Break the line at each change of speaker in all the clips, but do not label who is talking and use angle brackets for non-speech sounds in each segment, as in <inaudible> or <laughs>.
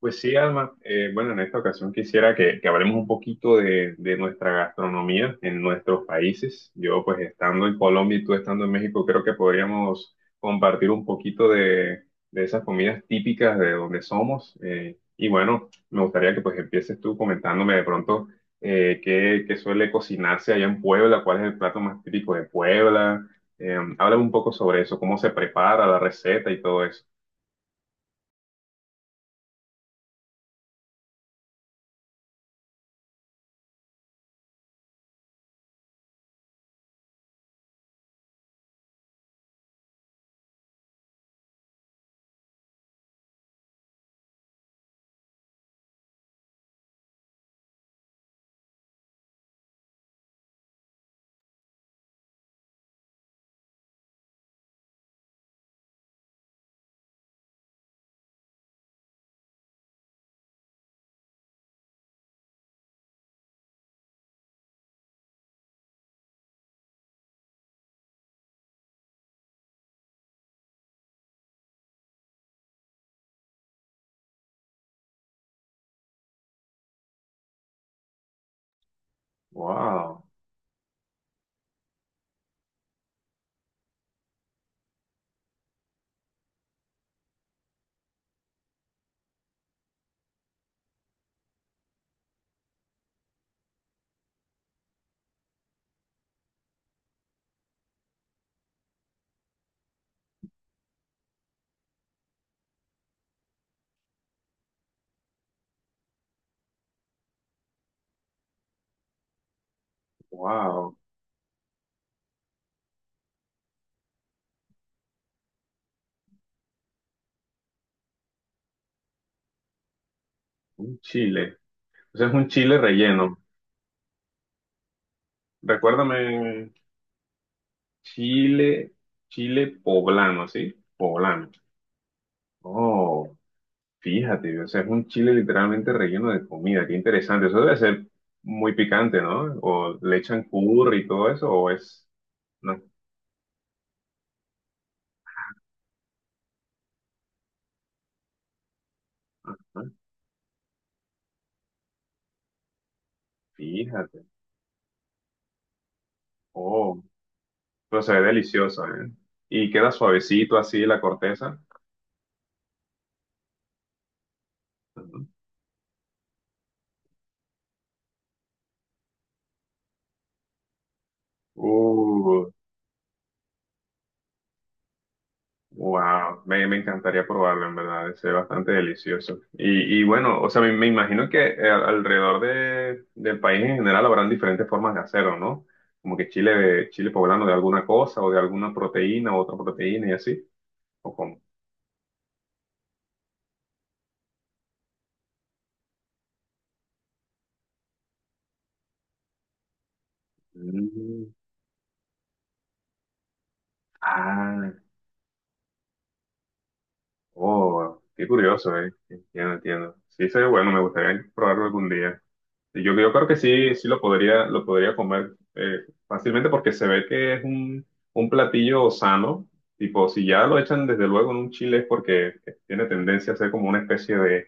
Pues sí, Alma. Bueno, en esta ocasión quisiera que hablemos un poquito de nuestra gastronomía en nuestros países. Yo, pues estando en Colombia y tú estando en México, creo que podríamos compartir un poquito de esas comidas típicas de donde somos. Y bueno, me gustaría que pues empieces tú comentándome de pronto qué suele cocinarse allá en Puebla, cuál es el plato más típico de Puebla. Háblame un poco sobre eso, cómo se prepara la receta y todo eso. Wow, wow, un chile. Ese es un chile relleno. Recuérdame, chile, chile poblano, ¿sí? Poblano. Oh, fíjate, o sea, es un chile literalmente relleno de comida. Qué interesante. Eso debe ser muy picante, ¿no? O le echan curry y todo eso, o es... No. Ajá. Fíjate. Oh, pero se ve delicioso, ¿eh? Y queda suavecito así la corteza. Ujú. Uh, Wow, me encantaría probarlo, en verdad, debe ser bastante delicioso. Y bueno, o sea, me imagino que alrededor de, del país en general habrán diferentes formas de hacerlo, ¿no? Como que chile, chile poblano de alguna cosa o de alguna proteína u otra proteína y así, o como. Mm, ah, oh, qué curioso, ¿eh? Entiendo, entiendo. Sí, sería bueno, me gustaría probarlo algún día. Yo creo que sí, sí lo podría comer fácilmente porque se ve que es un platillo sano. Tipo, si ya lo echan desde luego en un chile es porque tiene tendencia a ser como una especie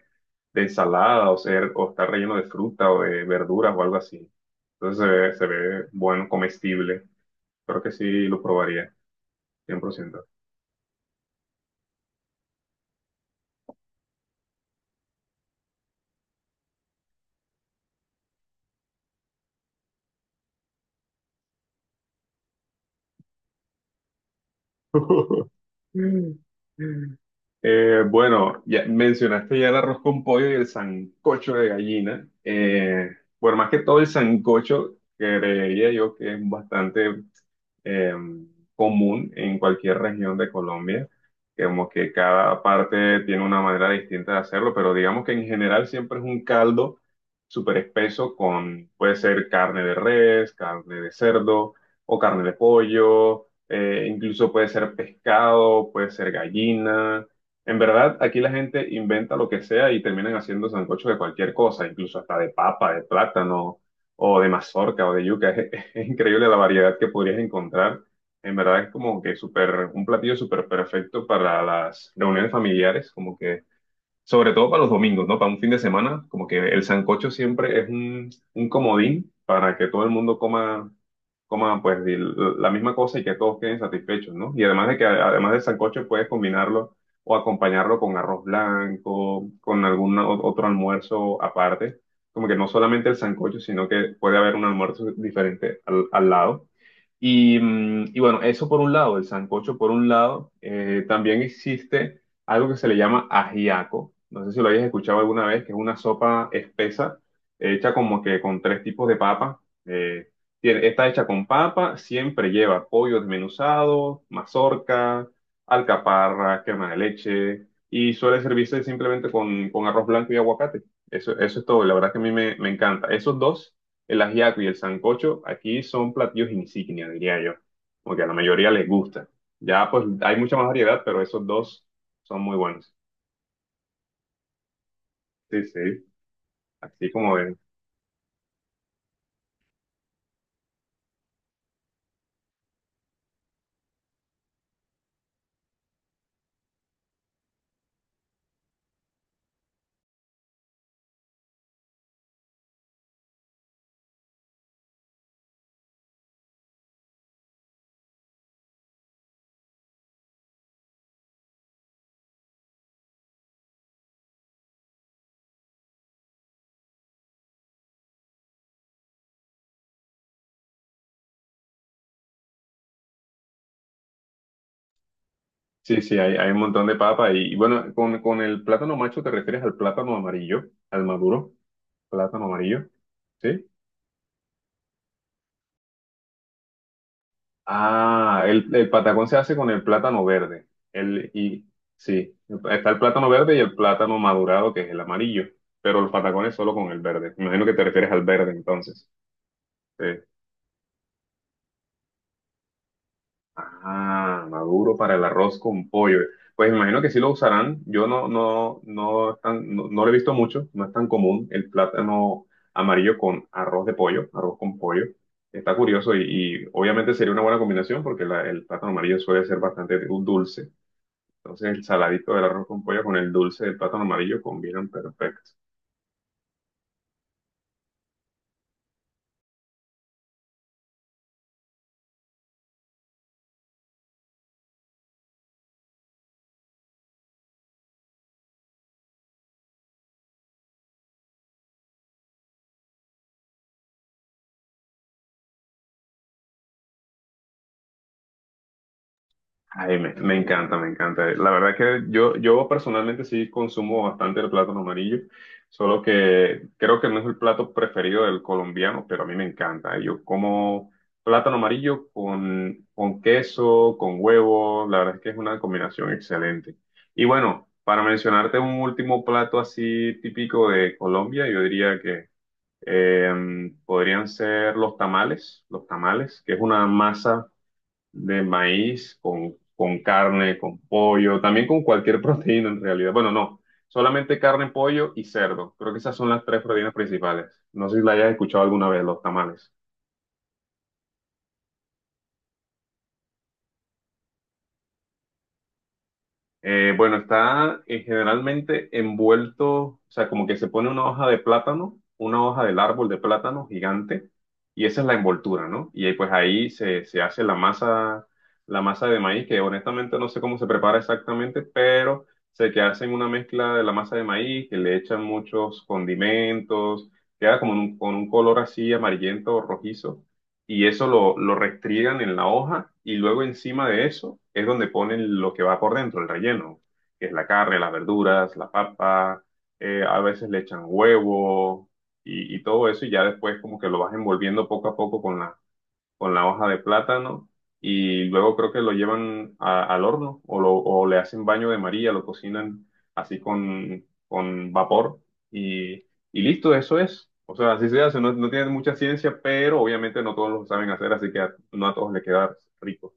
de ensalada o ser, o estar relleno de fruta o de verduras o algo así. Entonces se ve bueno, comestible. Creo que sí lo probaría, cien por ciento. <laughs> Bueno, ya mencionaste ya el arroz con pollo y el sancocho de gallina. Bueno, más que todo el sancocho, creería yo que es bastante eh, común en cualquier región de Colombia, como que cada parte tiene una manera distinta de hacerlo, pero digamos que en general siempre es un caldo súper espeso con, puede ser carne de res, carne de cerdo o carne de pollo, incluso puede ser pescado, puede ser gallina. En verdad, aquí la gente inventa lo que sea y terminan haciendo sancocho de cualquier cosa, incluso hasta de papa, de plátano, o de mazorca, o de yuca. <laughs> Es, increíble la variedad que podrías encontrar. En verdad es como que súper, un platillo súper perfecto para las reuniones familiares, como que sobre todo para los domingos, ¿no? Para un fin de semana, como que el sancocho siempre es un comodín para que todo el mundo coma, coma pues el- la misma cosa y que todos queden satisfechos, ¿no? Y además de que además del sancocho puedes combinarlo o acompañarlo con arroz blanco, con otro almuerzo aparte, como que no solamente el sancocho, sino que puede haber un almuerzo diferente al, al lado. Y, mm, y bueno, eso por un lado, el sancocho por un lado. También existe algo que se le llama ajiaco. No sé si lo hayas escuchado alguna vez, que es una sopa espesa hecha como que con tres tipos de papa. Eh, está hecha con papa, siempre lleva pollo desmenuzado, mazorca, alcaparra, crema de leche y suele servirse simplemente con arroz blanco y aguacate. Eso es todo. La verdad que a mí me, me encanta. Esos dos, el ajiaco y el sancocho, aquí son platillos insignia, diría yo, porque a la mayoría les gusta. Ya pues hay mucha más variedad, pero esos dos son muy buenos. Sí, sí, así como ven. Sí, sí, hay un montón de papa y bueno, con el plátano macho te refieres al plátano amarillo, al maduro, plátano amarillo, ¿sí? Ah, el patacón se hace con el plátano verde. El, y, sí, está el plátano verde y el plátano madurado, que es el amarillo. Pero el patacón es solo con el verde. Me imagino que te refieres al verde entonces. Sí. Ah, maduro para el arroz con pollo. Pues me imagino que sí lo usarán. Yo no, no, no, no, no lo he visto mucho. No es tan común el plátano amarillo con arroz de pollo, arroz con pollo. Está curioso y obviamente sería una buena combinación porque el plátano amarillo suele ser bastante dulce. Entonces el saladito del arroz con pollo con el dulce del plátano amarillo combinan perfecto. Ay, me encanta, me encanta. La verdad es que yo personalmente sí consumo bastante el plátano amarillo, solo que creo que no es el plato preferido del colombiano, pero a mí me encanta. Yo como plátano amarillo con queso, con huevo, la verdad es que es una combinación excelente. Y bueno, para mencionarte un último plato así típico de Colombia, yo diría que Eh, podrían ser los tamales, que es una masa de maíz con carne, con pollo, también con cualquier <laughs> proteína en realidad. Bueno, no, solamente carne, pollo y cerdo. Creo que esas son las tres proteínas principales. No sé si la hayas escuchado alguna vez, los tamales. Bueno, está generalmente envuelto, o sea, como que se pone una hoja de plátano, una hoja del árbol de plátano gigante, y esa es la envoltura, ¿no? Y ahí, pues ahí se, se hace la masa de maíz, que honestamente no sé cómo se prepara exactamente, pero sé que hacen una mezcla de la masa de maíz, que le echan muchos condimentos, queda como en con un color así amarillento o rojizo y eso lo restriegan en la hoja y luego encima de eso es donde ponen lo que va por dentro, el relleno, que es la carne, las verduras, la papa, a veces le echan huevo y todo eso y ya después como que lo vas envolviendo poco a poco con la hoja de plátano y luego creo que lo llevan al horno o, o le hacen baño de María, lo cocinan así con vapor y, y listo, eso es. O sea, así se hace, no, no tiene mucha ciencia, pero obviamente no todos lo saben hacer, así que no a todos le queda rico.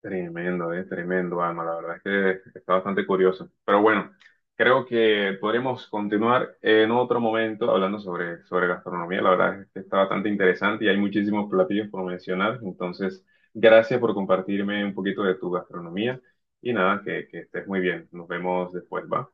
Tremendo, tremendo, Alma. La verdad es que está bastante curioso. Pero bueno, creo que podremos continuar en otro momento hablando sobre, sobre gastronomía. La verdad es que está bastante interesante y hay muchísimos platillos por mencionar. Entonces, gracias por compartirme un poquito de tu gastronomía y nada, que estés muy bien. Nos vemos después, ¿va?